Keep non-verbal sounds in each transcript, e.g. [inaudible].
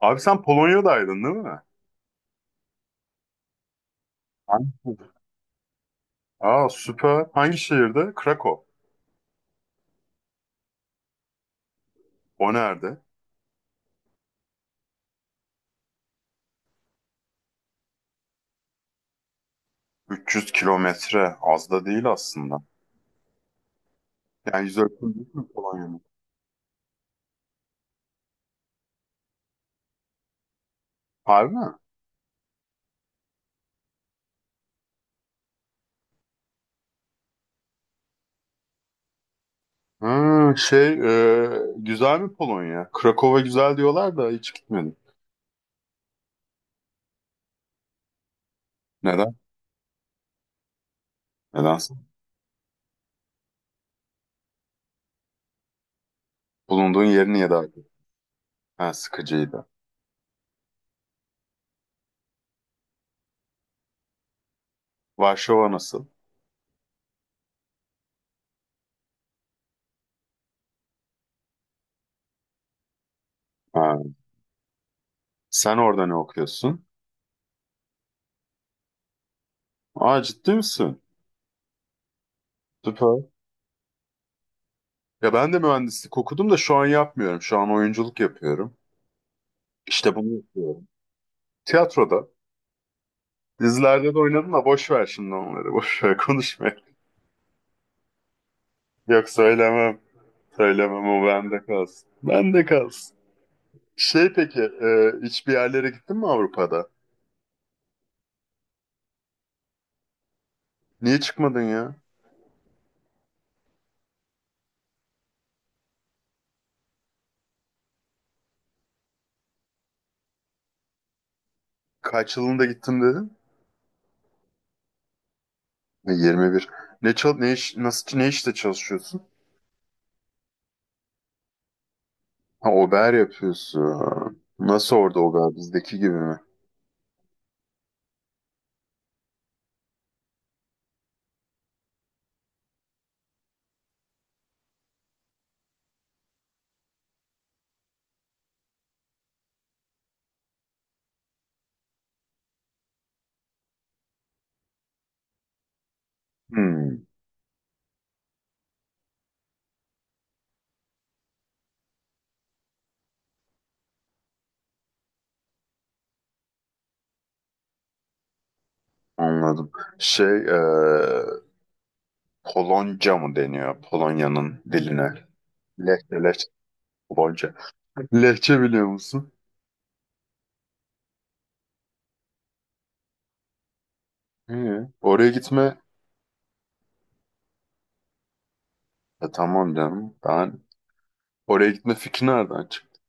Abi, sen Polonya'daydın değil mi? Şehir? Aa, süper. Hangi şehirde? Krakow. O nerede? 300 kilometre. Az da değil aslında. Yani yüz ölçümü değil mi Polonya'nın? Harbi mi? Hı, şey Güzel mi Polonya? Krakow'a güzel diyorlar da hiç gitmedim. Neden? Nedense. Bulunduğun yer niye daha iyi? Ha, sıkıcıydı. Varşova nasıl? Ha, sen orada ne okuyorsun? Aa, ciddi misin? Süper. Ya ben de mühendislik okudum da şu an yapmıyorum. Şu an oyunculuk yapıyorum. İşte bunu yapıyorum. Tiyatroda, dizilerde de oynadım da boş ver şimdi onları. Boş ver, konuşma. [laughs] Yok, söylemem. Söylemem, o bende kalsın. Bende kalsın. Hiçbir yerlere gittin mi Avrupa'da? Niye çıkmadın ya? Kaç yılında gittim dedin? 21. Ne işte çalışıyorsun? Ha, ober yapıyorsun. Nasıl, orada ober bizdeki gibi mi? Hmm, anladım. Şey, e, Polonca mı deniyor Polonya'nın diline? Lehçe, Gonca. Lehçe biliyor musun? Hı. Oraya gitme. Tamam canım. Oraya gitme fikri nereden çıktı?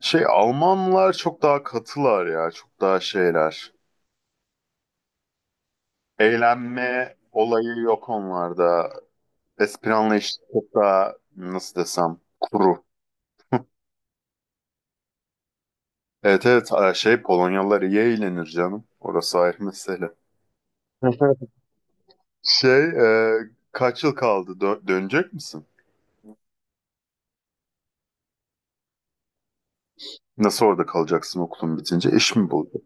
Şey, Almanlar çok daha katılar ya. Çok daha şeyler. Eğlenme olayı yok onlarda. Espri anlayışı çok daha nasıl desem, kuru. Evet, evet, Polonyalılar iyi eğlenir canım. Orası ayrı mesele. [laughs] Şey e, Kaç yıl kaldı? Dönecek misin? Nasıl orada kalacaksın okulun bitince? İş mi buldun?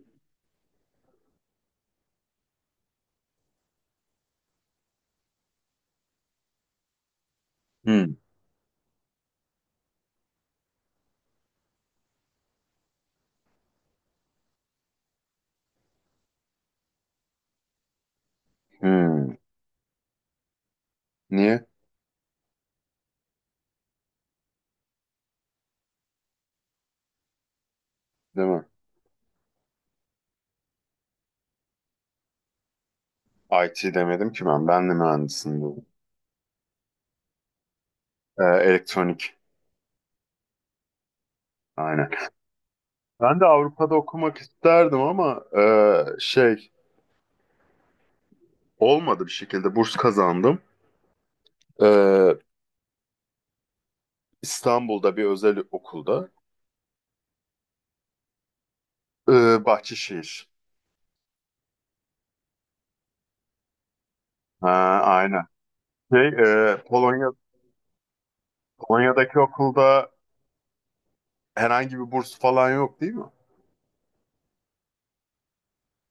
Hmm. Hmm. Niye Değil mi? IT demedim ki ben. Ben de mühendisim bu. Elektronik. Aynen. Ben de Avrupa'da okumak isterdim ama olmadı bir şekilde. Burs kazandım. Ee, İstanbul'da bir özel okulda. Bahçeşehir. Ha, aynen. Şey, e, Polonya, Polonya'daki okulda herhangi bir burs falan yok değil mi?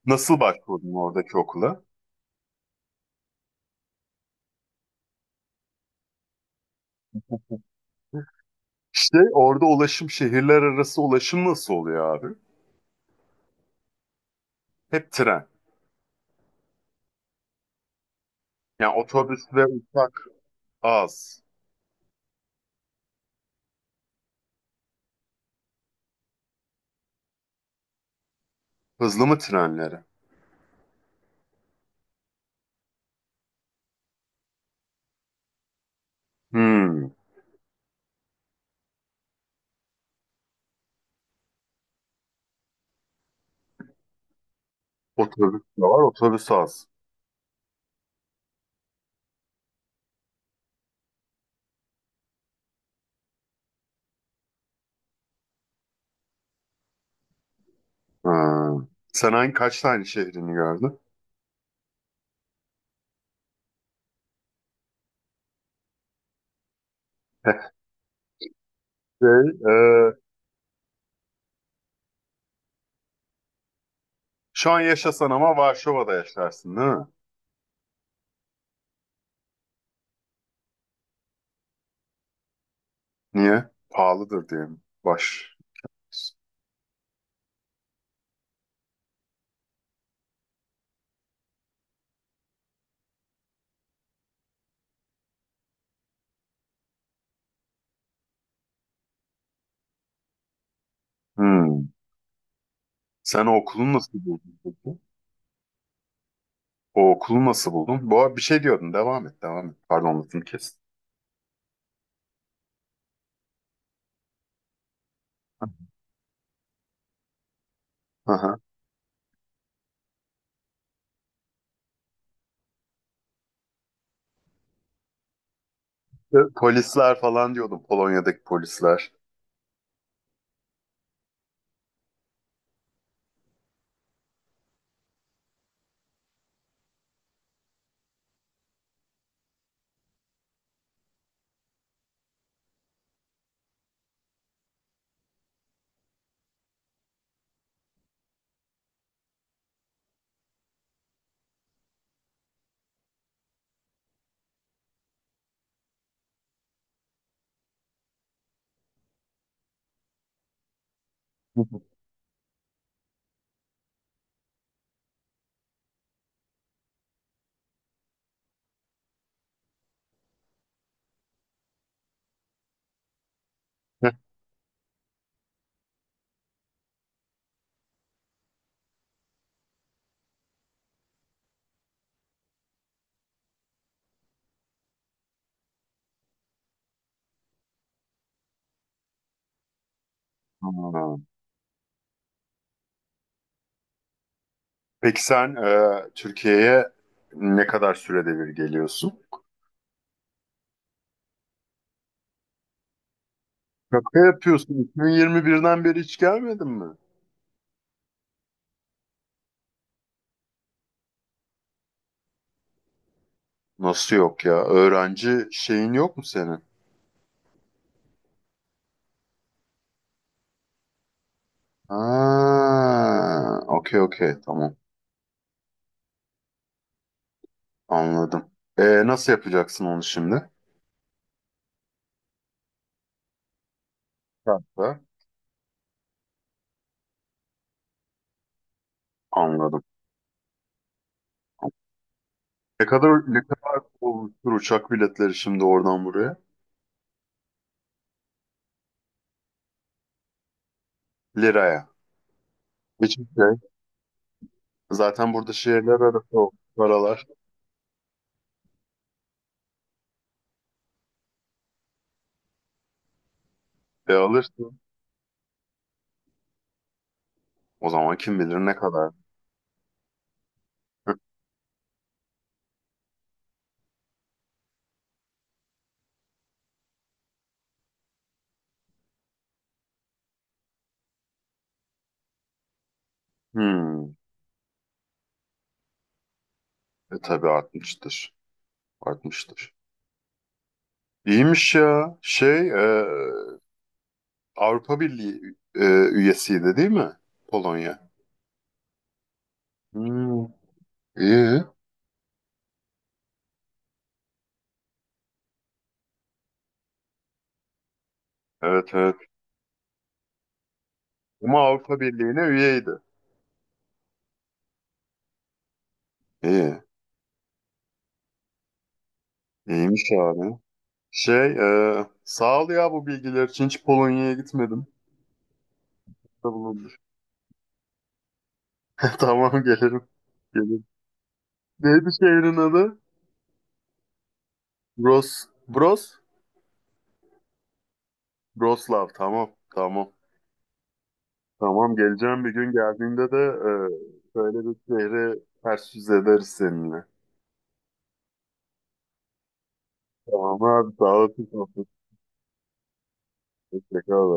Nasıl başvurdun oradaki okula? İşte orada ulaşım, şehirler arası ulaşım nasıl oluyor abi? Hep tren. Yani otobüsle uçak az. Hızlı mı trenleri? Hmm. Otobüs de var, otobüs az. Ha. Sen hangi Kaç tane şehrini gördün? [laughs] Şey, e, Şu an yaşasan ama Varşova'da yaşarsın değil mi? Niye? Pahalıdır diye mi? Baş. Hmm. Sen o okulu nasıl buldun peki? O okulu nasıl buldun? Bu arada bir şey diyordun. Devam et, devam et. Pardon, lafını kestim. Aha. Polisler falan diyordum, Polonya'daki polisler. [laughs] Ha. Peki sen Türkiye'ye ne kadar sürede bir geliyorsun? Şaka yapıyorsun. 2021'den beri hiç gelmedin mi? Nasıl yok ya? Öğrenci şeyin yok mu senin? Ha, okey, okey, tamam, anladım. E, nasıl yapacaksın onu şimdi? Uçakla. Anladım. Ne kadar olmuştur uçak biletleri şimdi oradan buraya? Liraya. Hiçbir şey. Zaten burada şehirler arası o paralar. E, alırsın. O zaman kim bilir ne kadar. [laughs] Hmm. E tabii, 60'tır. 60'tır. İyiymiş ya. Avrupa Birliği üyesiydi değil mi? Polonya. Hmm. İyi. Evet, evet. Ama Avrupa Birliği'ne üyeydi. İyi. İyiymiş abi. Şey Sağ ol ya bu bilgiler için. Hiç Polonya'ya gitmedim. Da bulundur. [laughs] Tamam, gelirim. Gelirim. Neydi şehrin adı? Bros. Bros. Broslav. Tamam. Tamam. Tamam, geleceğim, bir gün geldiğinde de şöyle bir şehri ters yüz ederiz seninle. Tamam abi, sağ olasın. Hoşçakal.